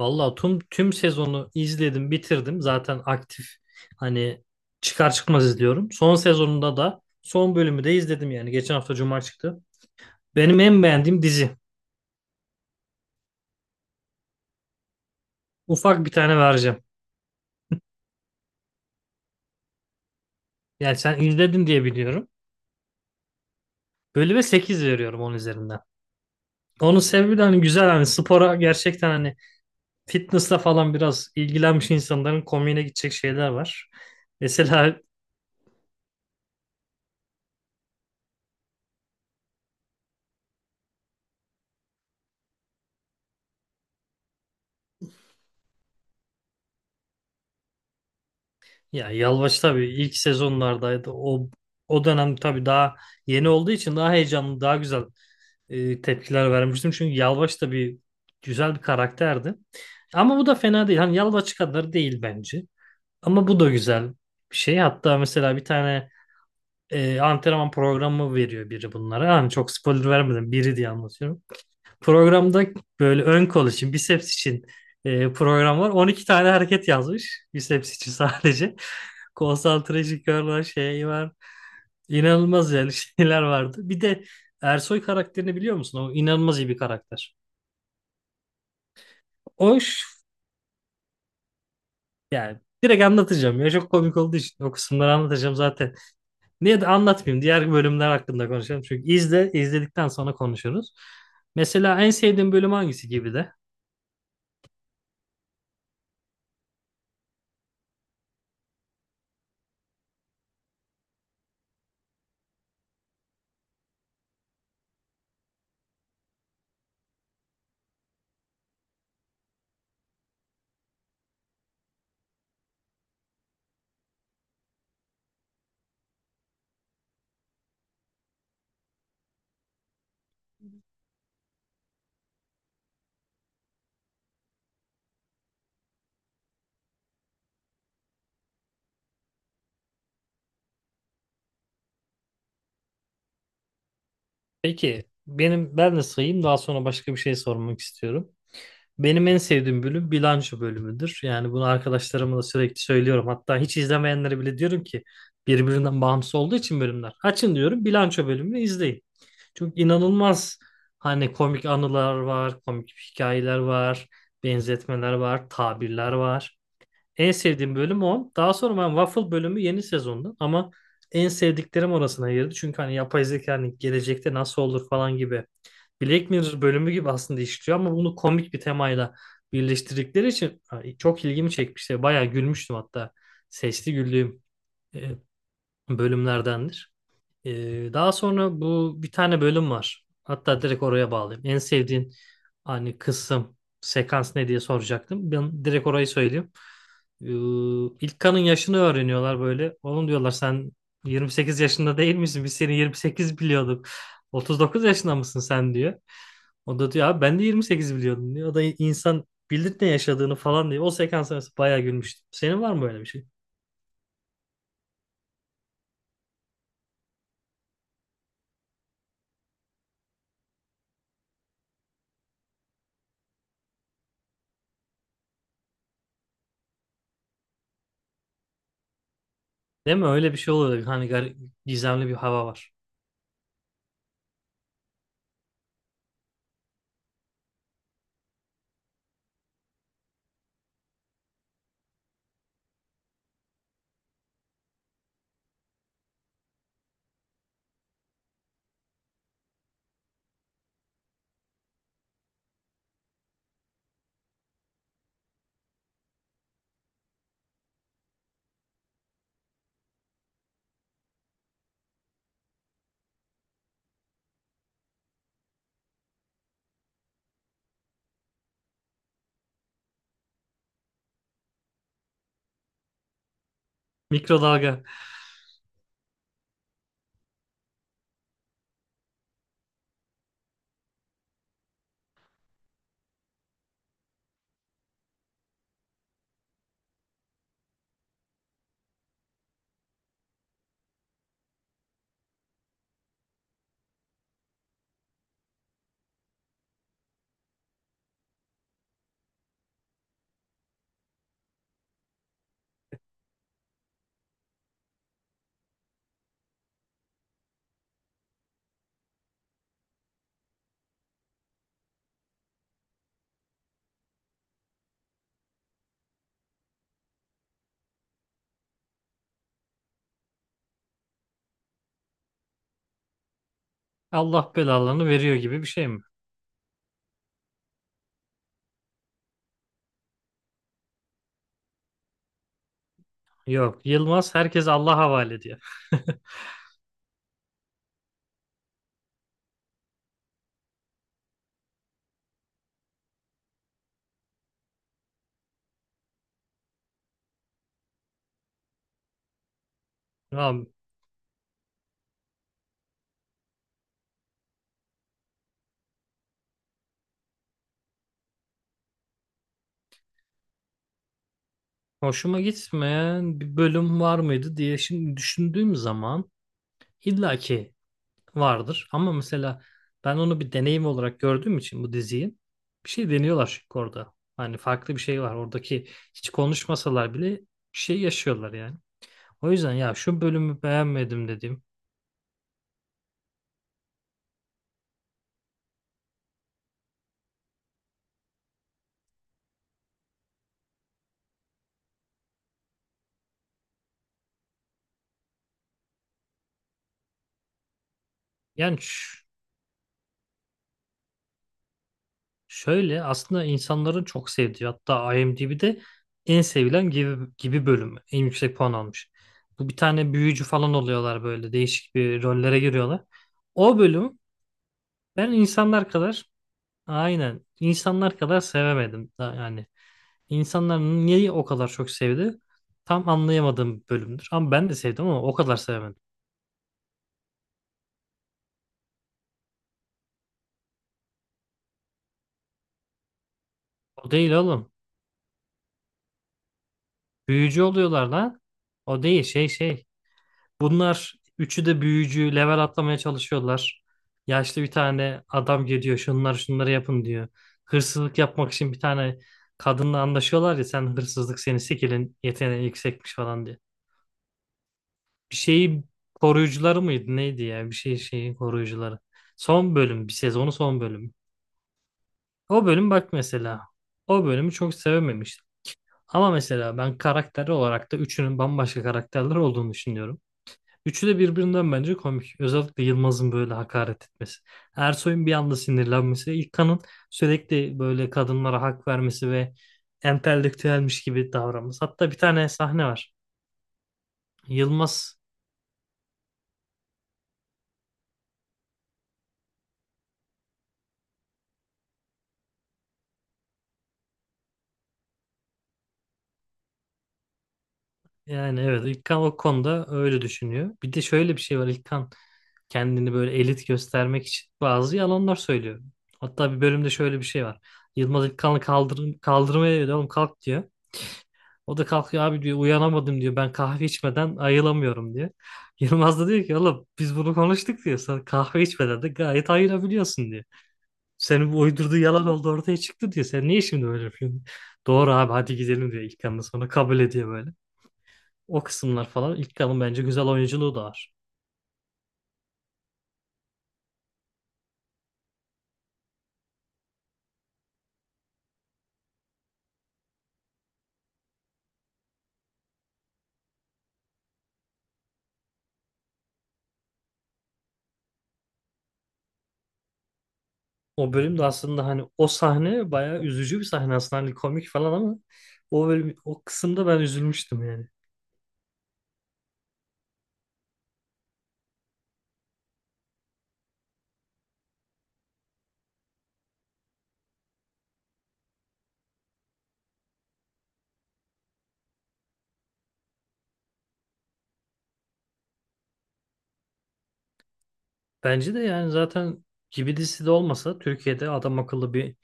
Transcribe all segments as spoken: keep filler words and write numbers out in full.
Vallahi tüm tüm sezonu izledim, bitirdim. Zaten aktif hani çıkar çıkmaz izliyorum. Son sezonunda da son bölümü de izledim yani. Geçen hafta Cuma çıktı. Benim en beğendiğim dizi. Ufak bir tane vereceğim. Yani sen izledin diye biliyorum. Bölüme sekiz veriyorum onun üzerinden. Onun sebebi de hani güzel hani spora gerçekten hani fitness'la falan biraz ilgilenmiş insanların komiğine gidecek şeyler var. Mesela ya Yalvaç tabii ilk sezonlardaydı. O o dönem tabii daha yeni olduğu için daha heyecanlı, daha güzel e, tepkiler vermiştim. Çünkü Yalvaç da bir güzel bir karakterdi. Ama bu da fena değil. Hani Yalvaç kadar değil bence. Ama bu da güzel bir şey. Hatta mesela bir tane e, antrenman programı veriyor biri bunlara. Hani çok spoiler vermedim. Biri diye anlatıyorum. Programda böyle ön kol için, biceps için e, program var. On iki tane hareket yazmış. Biceps için sadece. Concentration Curl var, şey var. İnanılmaz yani şeyler vardı. Bir de Ersoy karakterini biliyor musun? O inanılmaz iyi bir karakter. O ş- Yani direkt anlatacağım. Ya çok komik olduğu için o kısımları anlatacağım zaten. Niye de anlatmayayım? Diğer bölümler hakkında konuşalım. Çünkü izle, izledikten sonra konuşuruz. Mesela en sevdiğin bölüm hangisi gibi de? Peki benim ben de sayayım daha sonra başka bir şey sormak istiyorum. Benim en sevdiğim bölüm bilanço bölümüdür. Yani bunu arkadaşlarıma da sürekli söylüyorum. Hatta hiç izlemeyenlere bile diyorum ki birbirinden bağımsız olduğu için bölümler. Açın diyorum bilanço bölümünü izleyin. Çünkü inanılmaz hani komik anılar var, komik hikayeler var, benzetmeler var, tabirler var. En sevdiğim bölüm o. Daha sonra ben Waffle bölümü yeni sezonda ama en sevdiklerim orasına girdi. Çünkü hani yapay zeka hani gelecekte nasıl olur falan gibi. Black Mirror bölümü gibi aslında işliyor ama bunu komik bir temayla birleştirdikleri için hani çok ilgimi çekmişti. Bayağı gülmüştüm hatta. Sesli güldüğüm e, bölümlerdendir. E, daha sonra bu bir tane bölüm var. Hatta direkt oraya bağlayayım. En sevdiğin hani kısım, sekans ne diye soracaktım. Ben direkt orayı söyleyeyim. İlk İlkan'ın yaşını öğreniyorlar böyle. Oğlum diyorlar sen yirmi sekiz yaşında değil misin? Biz seni yirmi sekiz biliyorduk. otuz dokuz yaşında mısın sen diyor. O da diyor abi ben de yirmi sekiz biliyordum diyor. O da insan bilir ne yaşadığını falan diyor. O sekans arası bayağı gülmüştüm. Senin var mı böyle bir şey? Değil mi? Öyle bir şey oluyor. Hani gar- gizemli bir hava var. Mikrodalga. Allah belalarını veriyor gibi bir şey mi? Yok. Yılmaz herkes Allah'a havale ediyor. Abi hoşuma gitmeyen bir bölüm var mıydı diye şimdi düşündüğüm zaman İlla ki vardır ama mesela ben onu bir deneyim olarak gördüğüm için bu diziyi bir şey deniyorlar çünkü orada. Hani farklı bir şey var. Oradaki hiç konuşmasalar bile bir şey yaşıyorlar yani. O yüzden ya şu bölümü beğenmedim dediğim. Yani ş- Şöyle aslında insanların çok sevdiği hatta IMDb'de en sevilen gibi, gibi bölümü. En yüksek puan almış. Bu bir tane büyücü falan oluyorlar böyle değişik bir rollere giriyorlar. O bölüm ben insanlar kadar Aynen. İnsanlar kadar sevemedim. Da- Yani insanlar niye o kadar çok sevdi? Tam anlayamadığım bir bölümdür. Ama ben de sevdim ama o kadar sevemedim. O değil oğlum. Büyücü oluyorlar lan. O değil şey şey. Bunlar üçü de büyücü level atlamaya çalışıyorlar. Yaşlı bir tane adam geliyor. Şunlar şunları yapın diyor. Hırsızlık yapmak için bir tane kadınla anlaşıyorlar ya sen hırsızlık seni sikilin yeteneği yüksekmiş falan diye. Bir şeyi koruyucuları mıydı neydi ya bir şey şeyi koruyucuları. Son bölüm bir sezonu son bölüm. O bölüm bak mesela o bölümü çok sevememiştim. Ama mesela ben karakter olarak da üçünün bambaşka karakterler olduğunu düşünüyorum. Üçü de birbirinden bence komik. Özellikle Yılmaz'ın böyle hakaret etmesi. Ersoy'un bir anda sinirlenmesi. İlkan'ın sürekli böyle kadınlara hak vermesi ve entelektüelmiş gibi davranması. Hatta bir tane sahne var. Yılmaz Yani evet İlkan o konuda öyle düşünüyor. Bir de şöyle bir şey var İlkan kendini böyle elit göstermek için bazı yalanlar söylüyor. Hatta bir bölümde şöyle bir şey var. Yılmaz İlkan'ı kaldır kaldırmaya diyor oğlum kalk diyor. O da kalkıyor abi diyor uyanamadım diyor ben kahve içmeden ayılamıyorum diyor. Yılmaz da diyor ki oğlum biz bunu konuştuk diyor. Sen kahve içmeden de gayet ayılabiliyorsun diyor. Senin bu uydurduğu yalan oldu ortaya çıktı diyor. Sen niye şimdi böyle yapıyorsun? Doğru abi hadi gidelim diyor İlkan da sonra kabul ediyor böyle. O kısımlar falan ilk kalın bence güzel oyunculuğu da var. O bölüm de aslında hani o sahne bayağı üzücü bir sahne aslında hani komik falan ama o bölüm o kısımda ben üzülmüştüm yani. Bence de yani zaten gibi dizisi de olmasa Türkiye'de adam akıllı bir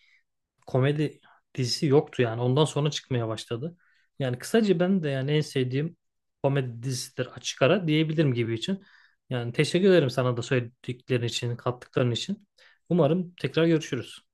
komedi dizisi yoktu yani. Ondan sonra çıkmaya başladı. Yani kısaca ben de yani en sevdiğim komedi dizisidir açık ara diyebilirim gibi için. Yani teşekkür ederim sana da söylediklerin için, kattıkların için. Umarım tekrar görüşürüz.